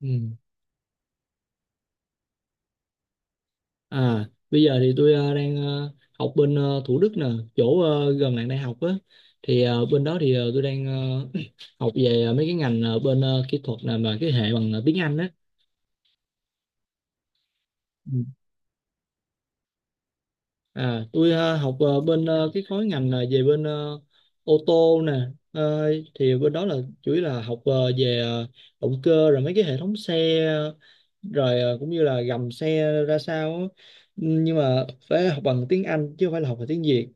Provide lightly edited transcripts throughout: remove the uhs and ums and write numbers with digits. Ừ. À, bây giờ thì tôi đang học bên Thủ Đức nè, chỗ gần lại đại học á. Thì bên đó thì tôi đang học về mấy cái ngành bên kỹ thuật nè, mà cái hệ bằng tiếng Anh á. Ừ. À, tôi học bên cái khối ngành là về bên ô tô nè. Ờ, thì bên đó là chủ yếu là học về động cơ, rồi mấy cái hệ thống xe rồi cũng như là gầm xe ra sao á. Nhưng mà phải học bằng tiếng Anh chứ không phải là học bằng tiếng Việt,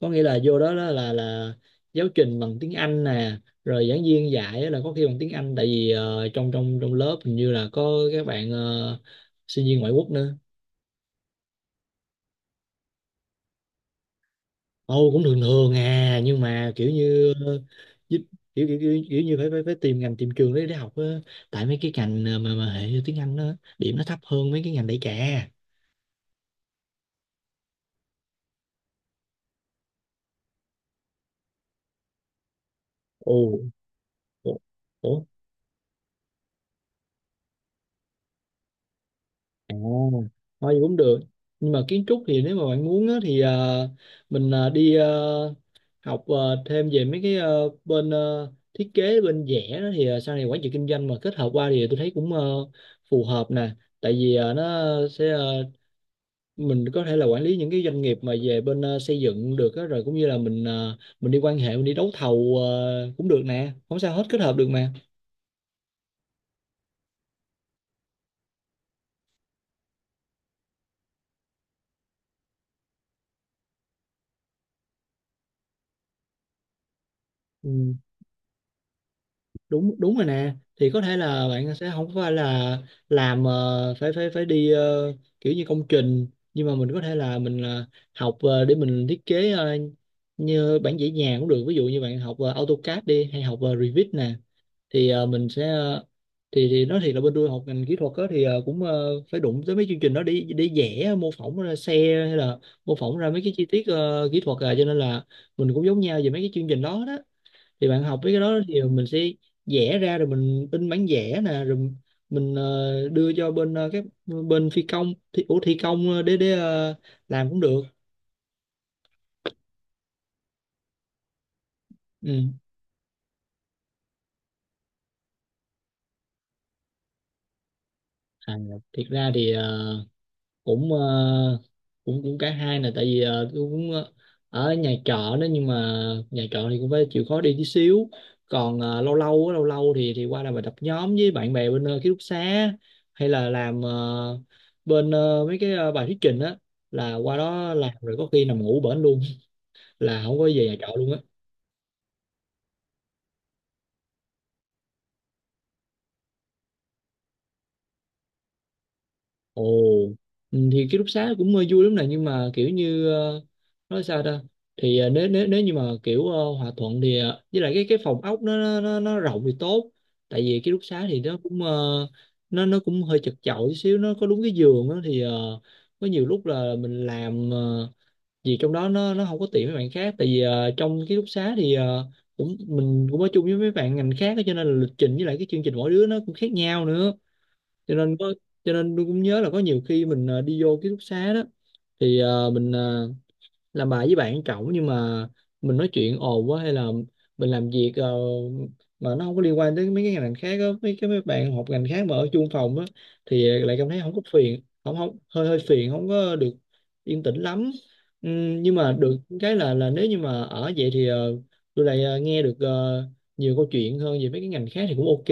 có nghĩa là vô đó là giáo trình bằng tiếng Anh nè, rồi giảng viên dạy á là có khi bằng tiếng Anh, tại vì trong trong trong lớp hình như là có các bạn sinh viên ngoại quốc nữa. Ồ, cũng thường thường à, nhưng mà kiểu như giúp- kiểu như phải, phải phải tìm ngành tìm trường để học á, tại mấy cái ngành mà hệ tiếng Anh đó điểm nó thấp hơn mấy cái ngành đại trà. Ồ. Ủa, ủa. À, thôi gì cũng được, nhưng mà kiến trúc thì nếu mà bạn muốn á, thì mình đi học thêm về mấy cái bên thiết kế bên vẽ đó, thì sau này quản trị kinh doanh mà kết hợp qua thì tôi thấy cũng phù hợp nè, tại vì nó sẽ mình có thể là quản lý những cái doanh nghiệp mà về bên xây dựng được á, rồi cũng như là mình đi quan hệ, mình đi đấu thầu cũng được nè, không sao hết, kết hợp được mà. Ừ. đúng đúng rồi nè, thì có thể là bạn sẽ không phải là làm phải phải phải đi kiểu như công trình, nhưng mà mình có thể là mình là học để mình thiết kế như bản vẽ nhà cũng được, ví dụ như bạn học AutoCAD đi, hay học Revit nè, thì mình sẽ thì nói thiệt là bên tôi học ngành kỹ thuật á, thì cũng phải đụng tới mấy chương trình đó để vẽ mô phỏng ra xe, hay là mô phỏng ra mấy cái chi tiết kỹ thuật à, cho nên là mình cũng giống nhau về mấy cái chương trình đó đó, thì bạn học với cái đó thì mình sẽ vẽ ra rồi mình in bản vẽ nè, rồi mình đưa cho bên các bên phi công thi, ủa, thi công để làm cũng được. Ừ. À, thiệt ra thì cũng ờ, cũng cũng cả hai nè, tại vì tôi cũng ở nhà trọ đó, nhưng mà nhà trọ thì cũng phải chịu khó đi tí xíu, còn lâu lâu á, lâu lâu thì qua làm bài tập nhóm với bạn bè bên ký túc xá, hay là làm bên mấy cái bài thuyết trình á, là qua đó làm rồi có khi nằm ngủ bển luôn, là không có về nhà trọ luôn á. Ồ. Ừ, thì ký túc xá cũng vui lắm nè, nhưng mà kiểu như nói sao ta, thì nếu nếu nếu như mà kiểu hòa thuận thì với lại cái phòng ốc nó rộng thì tốt, tại vì ký túc xá thì nó cũng nó cũng hơi chật chội tí xíu, nó có đúng cái giường đó, thì có nhiều lúc là mình làm gì trong đó nó không có tiện với bạn khác, tại vì trong ký túc xá thì cũng mình cũng ở chung với mấy bạn ngành khác á, cho nên là lịch trình với lại cái chương trình mỗi đứa nó cũng khác nhau nữa. Cho nên có cho nên tôi cũng nhớ là có nhiều khi mình đi vô ký túc xá đó, thì mình làm bài với bạn cậu, nhưng mà mình nói chuyện ồn quá, hay là mình làm việc mà nó không có liên quan tới mấy cái ngành khác đó, mấy bạn học ngành khác mà ở chung phòng á, thì lại cảm thấy không có phiền, không không hơi hơi phiền, không có được yên tĩnh lắm. Nhưng mà được cái là nếu như mà ở vậy thì tôi lại nghe được nhiều câu chuyện hơn về mấy cái ngành khác, thì cũng ok.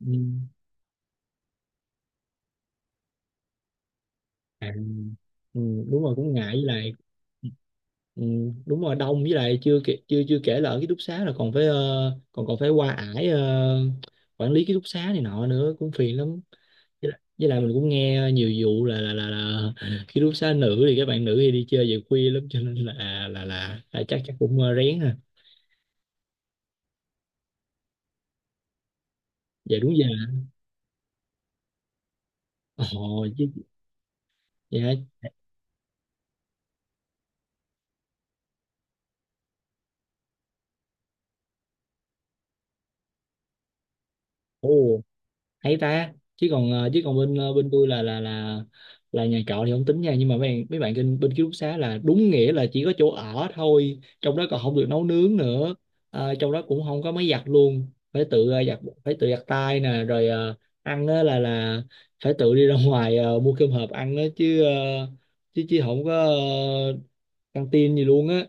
Ừ. À, ừ, đúng rồi, cũng ngại, với lại ừ, đúng rồi, đông, với lại chưa kể là ở ký túc xá là còn phải còn còn phải qua ải quản lý ký túc xá này nọ nữa, cũng phiền lắm. Với lại mình cũng nghe nhiều vụ là ký túc xá nữ thì các bạn nữ thì đi chơi về khuya lắm, cho nên là chắc chắc cũng rén ha, về đúng giờ. Ồ chứ. Dạ. Ồ, hay ta. Chứ còn bên tôi là nhà trọ thì không tính nha, nhưng mà mấy bạn bên bên ký túc xá là đúng nghĩa là chỉ có chỗ ở thôi, trong đó còn không được nấu nướng nữa. Trong đó cũng không có máy giặt luôn, phải tự giặt, phải tự giặt tay nè, rồi ăn á là phải tự đi ra ngoài mua cơm hộp ăn á, chứ không có căng tin gì luôn á,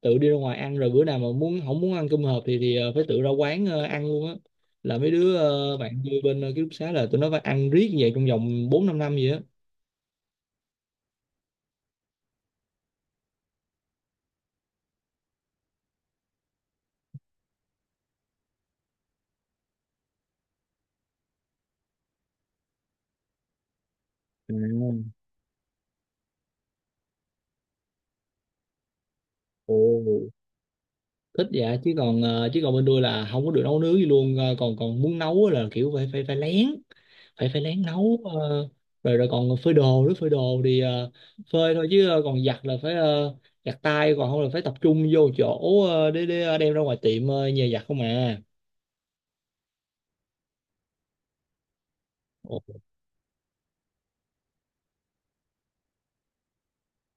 tự đi ra ngoài ăn, rồi bữa nào mà muốn không muốn ăn cơm hộp thì phải tự ra quán ăn luôn á, là mấy đứa bạn tôi bên ký túc xá là tụi nó phải ăn riết như vậy trong vòng bốn năm năm gì á. À, ồ, thích. Dạ. Chứ còn bên tôi là không có được nấu nướng gì luôn. Ờ, còn còn muốn nấu á là kiểu phải phải phải lén, phải phải lén nấu rồi rồi còn phơi đồ nữa, phơi đồ thì phơi thôi, chứ còn giặt là phải giặt tay, còn không là phải tập trung vô chỗ để đem ra ngoài tiệm nhờ giặt không à. Ồ.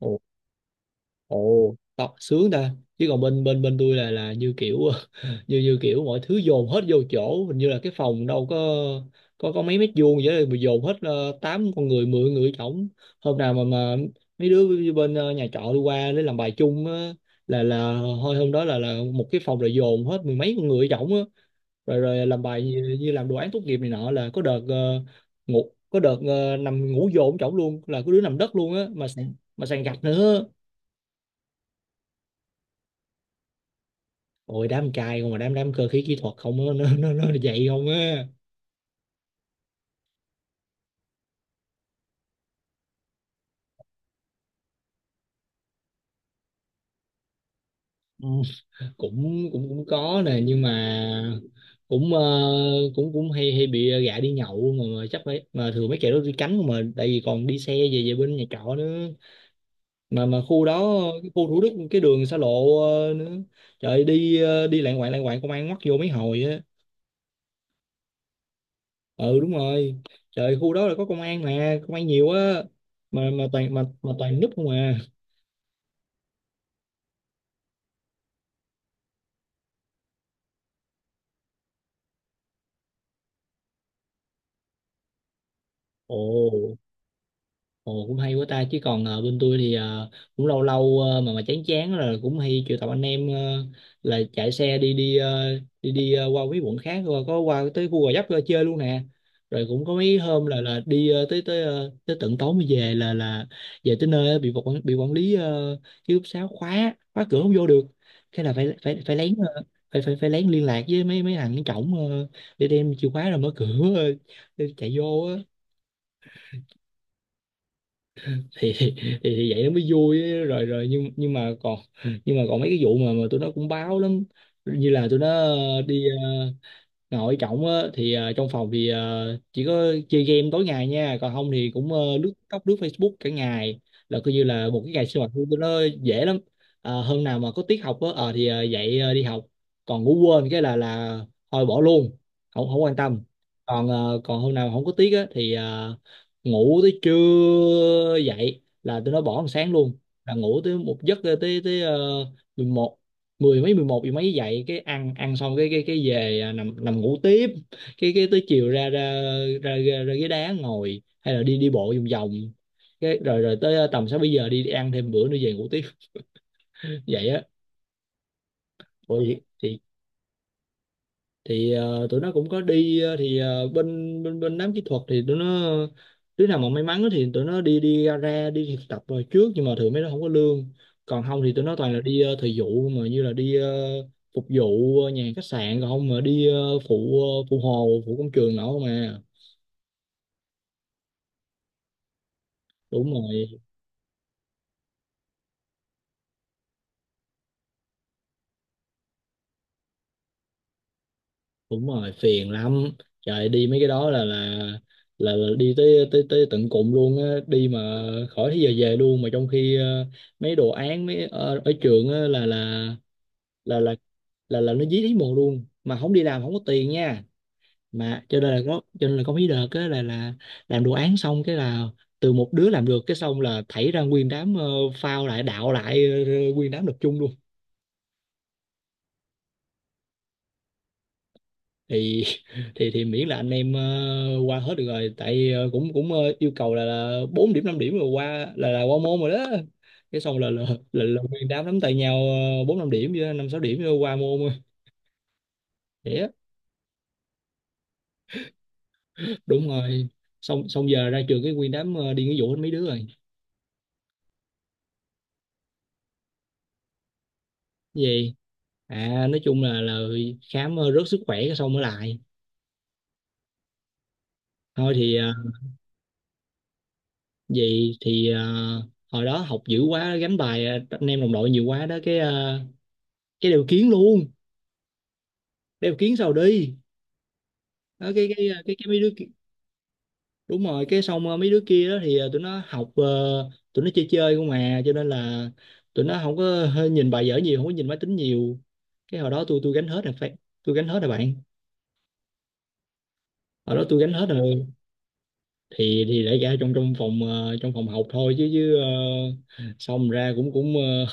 Ồ. Ồ, đó, sướng ta. Chứ còn bên bên bên tôi là như kiểu như như kiểu mọi thứ dồn hết vô chỗ, hình như là cái phòng đâu có mấy mét vuông vậy đó, mà dồn hết 8 con người, 10 người trỏng. Hôm nào mà mấy đứa bên nhà trọ đi qua để làm bài chung á, là thôi hôm đó là một cái phòng rồi dồn hết mười mấy con người trỏng á. Rồi rồi làm bài như làm đồ án tốt nghiệp này nọ, là có đợt nằm ngủ dồn trỏng luôn, là có đứa nằm đất luôn á, mà sàn gạch nữa. Ôi, đám trai không, mà đám đám cơ khí kỹ thuật không á, nó vậy không á. Ừ. cũng cũng cũng có nè, nhưng mà cũng ờ, cũng cũng hay hay bị gạ đi nhậu, mà chắc phải mà thường mấy kẻ đó đi cánh không mà, tại vì còn đi xe về về bên nhà trọ nữa. Mà khu đó, cái khu Thủ Đức, cái đường xa lộ nữa. Trời ơi, đi đi lạng quạng lạng quạng, công an ngoắt vô mấy hồi á. Ừ, đúng rồi. Trời ơi, khu đó là có công an, mà công an nhiều á. Mà toàn núp không à. Ồ. Ồ, cũng hay quá ta. Chứ còn bên tôi thì cũng lâu lâu mà chán chán rồi, cũng hay triệu tập anh em là chạy xe đi đi ờ, đi đi qua mấy quận khác, rồi có qua tới khu Gò Vấp chơi luôn nè. Rồi cũng có mấy hôm là đi tới tới ờ, tới tận tối mới về, là về tới nơi á, bị quản lý ký túc xá khóa khóa cửa không vô được, cái là phải phải phải lén phải phải phải lén liên lạc với mấy mấy thằng cái cổng để đem chìa khóa rồi mở cửa ờ, để chạy vô á, thì, thì thì vậy nó mới vui ấy. Rồi rồi nhưng mà còn mấy cái vụ mà tụi nó cũng báo lắm. Như là tụi nó đi nội trọng á, thì trong phòng thì chỉ có chơi game tối ngày nha, còn không thì cũng lướt TikTok, lướt Facebook cả ngày. Là coi như là một cái ngày sinh hoạt của tôi nó dễ lắm. Hôm nào mà có tiết học á thì dậy đi học. Còn ngủ quên cái là thôi bỏ luôn, không không quan tâm. Còn hôm nào mà không có tiết á thì ngủ tới trưa dậy là tôi nó bỏ ăn sáng luôn. Là ngủ tới một giấc, tới tới mười mấy, mười một gì mấy dậy cái ăn ăn xong cái về à, nằm nằm ngủ tiếp. Cái tới chiều ra ra ra ra, ra ghế đá ngồi hay là đi đi bộ vòng vòng. Cái rồi rồi tới à, tầm sáu bảy giờ đi ăn thêm bữa nữa về ngủ tiếp. Vậy á. Ôi thì tụi nó cũng có đi, thì bên bên bên đám kỹ thuật thì tụi nó, đứa nào mà may mắn á thì tụi nó đi đi gara, đi thực tập rồi trước, nhưng mà thường mấy đứa không có lương. Còn không thì tụi nó toàn là đi thời vụ, mà như là đi phục vụ nhà hàng khách sạn, còn không mà đi phụ phụ hồ, phụ công trường nọ không à. Đúng rồi. Đúng rồi, phiền lắm. Trời, đi mấy cái đó là đi tới tới tới tận cùng luôn á đi, mà khỏi tới giờ về luôn. Mà trong khi mấy đồ án mấy ở trường á là là là nó dí lý mù luôn, mà không đi làm không có tiền nha. Mà cho nên là có cho nên là có mấy đợt á là làm đồ án xong cái là từ một đứa làm được, cái xong là thảy ra nguyên đám, phao lại, đạo lại, nguyên đám nộp chung luôn. Thì thì thì miễn là anh em qua hết được rồi, tại cũng cũng ờ, yêu cầu là 4 điểm, 5 điểm rồi qua là qua môn rồi đó. Cái xong là nguyên đám nắm tay nhau, bốn năm điểm với năm sáu điểm rồi qua môn rồi. Vậy á. Đúng rồi. Xong xong giờ ra trường cái nguyên đám đi nghĩa vụ hết mấy đứa rồi. Gì? À, nói chung là khám rớt sức khỏe cái xong mới lại. Thôi thì vậy thì hồi đó học dữ quá, gánh bài anh em đồng đội nhiều quá đó cái cái đều kiến luôn. Đeo kiến sao đi. Đó, cái mấy đứa đúng rồi. Cái xong mấy đứa kia đó thì tụi nó học, tụi nó chơi chơi không, mà cho nên là tụi nó không có nhìn bài vở nhiều, không có nhìn máy tính nhiều. Cái hồi đó tôi gánh hết rồi phải, tôi gánh hết rồi bạn, hồi đó tôi gánh hết rồi. Thì để ra trong trong phòng ờ, trong phòng học thôi, chứ chứ ờ, xong ra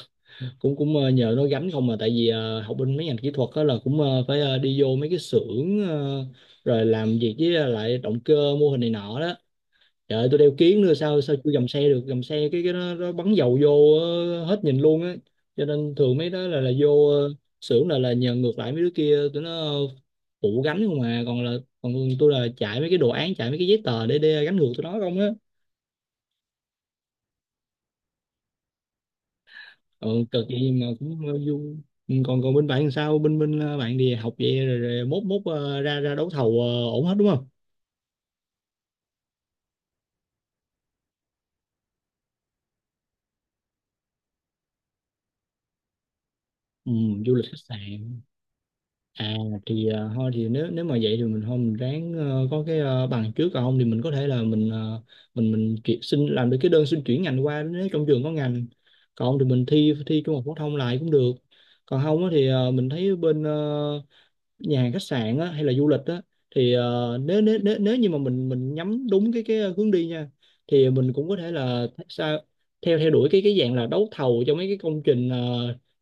cũng cũng ờ, nhờ nó gánh không, mà tại vì học bên mấy ngành kỹ thuật đó là cũng phải đi vô mấy cái xưởng, rồi làm việc với lại động cơ, mô hình này nọ đó. Trời ơi, tôi đeo kiếng nữa sao sao chưa gầm xe được, gầm xe cái nó bắn dầu vô hết nhìn luôn á. Cho nên thường mấy đó là vô xưởng là nhờ ngược lại mấy đứa kia, tụi nó phụ gánh không, mà còn tôi là chạy mấy cái đồ án, chạy mấy cái giấy tờ để gánh ngược tụi nó không á. Ừ, cực vậy mà cũng vui. Ừ, còn còn bên bạn làm sao? Bên bên ờ, Bạn đi học vậy rồi, rồi mốt mốt ờ, ra ra đấu thầu ổn hết đúng không? Ừ, du lịch khách sạn. À, thì thôi thì nếu nếu mà vậy thì mình thôi mình ráng có cái bằng trước, còn không thì mình có thể là mình xin làm được cái đơn xin chuyển ngành qua nếu trong trường có ngành. Còn không thì mình thi thi trung học phổ thông lại cũng được. Còn không á thì mình thấy bên nhà hàng khách sạn á, hay là du lịch á, thì nếu nếu nếu nếu như mà mình nhắm đúng cái hướng đi nha, thì mình cũng có thể là th- sao theo theo đuổi cái dạng là đấu thầu cho mấy cái công trình,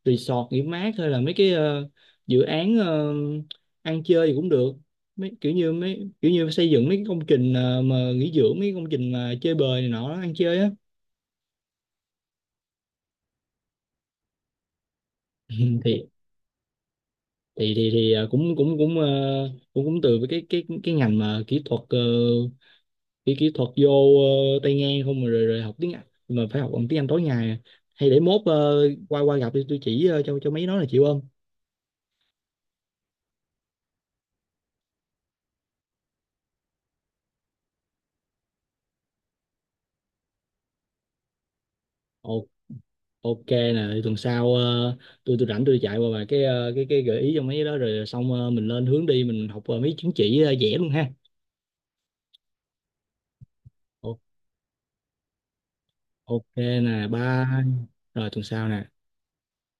resort nghỉ mát, hay là mấy cái dự án, ăn chơi thì cũng được. Mấy kiểu như xây dựng mấy cái công trình, mà nghỉ dưỡng, mấy cái công trình mà chơi bời này nọ, ăn chơi á. Ừ, thì thì cũng cũng cũng ờ, cũng cũng từ với cái ngành mà kỹ thuật, kỹ kỹ thuật vô. Tay ngang không, mà rồi rồi học tiếng Anh mà phải học bằng tiếng Anh tối ngày à. Hay để mốt qua qua gặp đi, tôi chỉ cho mấy nó là, chịu không? Ồ, ok nè, thì tuần sau tôi rảnh tôi chạy qua vài cái cái gợi ý cho mấy cái đó, rồi xong mình lên hướng đi, mình học mấy chứng chỉ vẽ luôn ha. Ồ, ok nè, bye. Rồi tuần sau nè.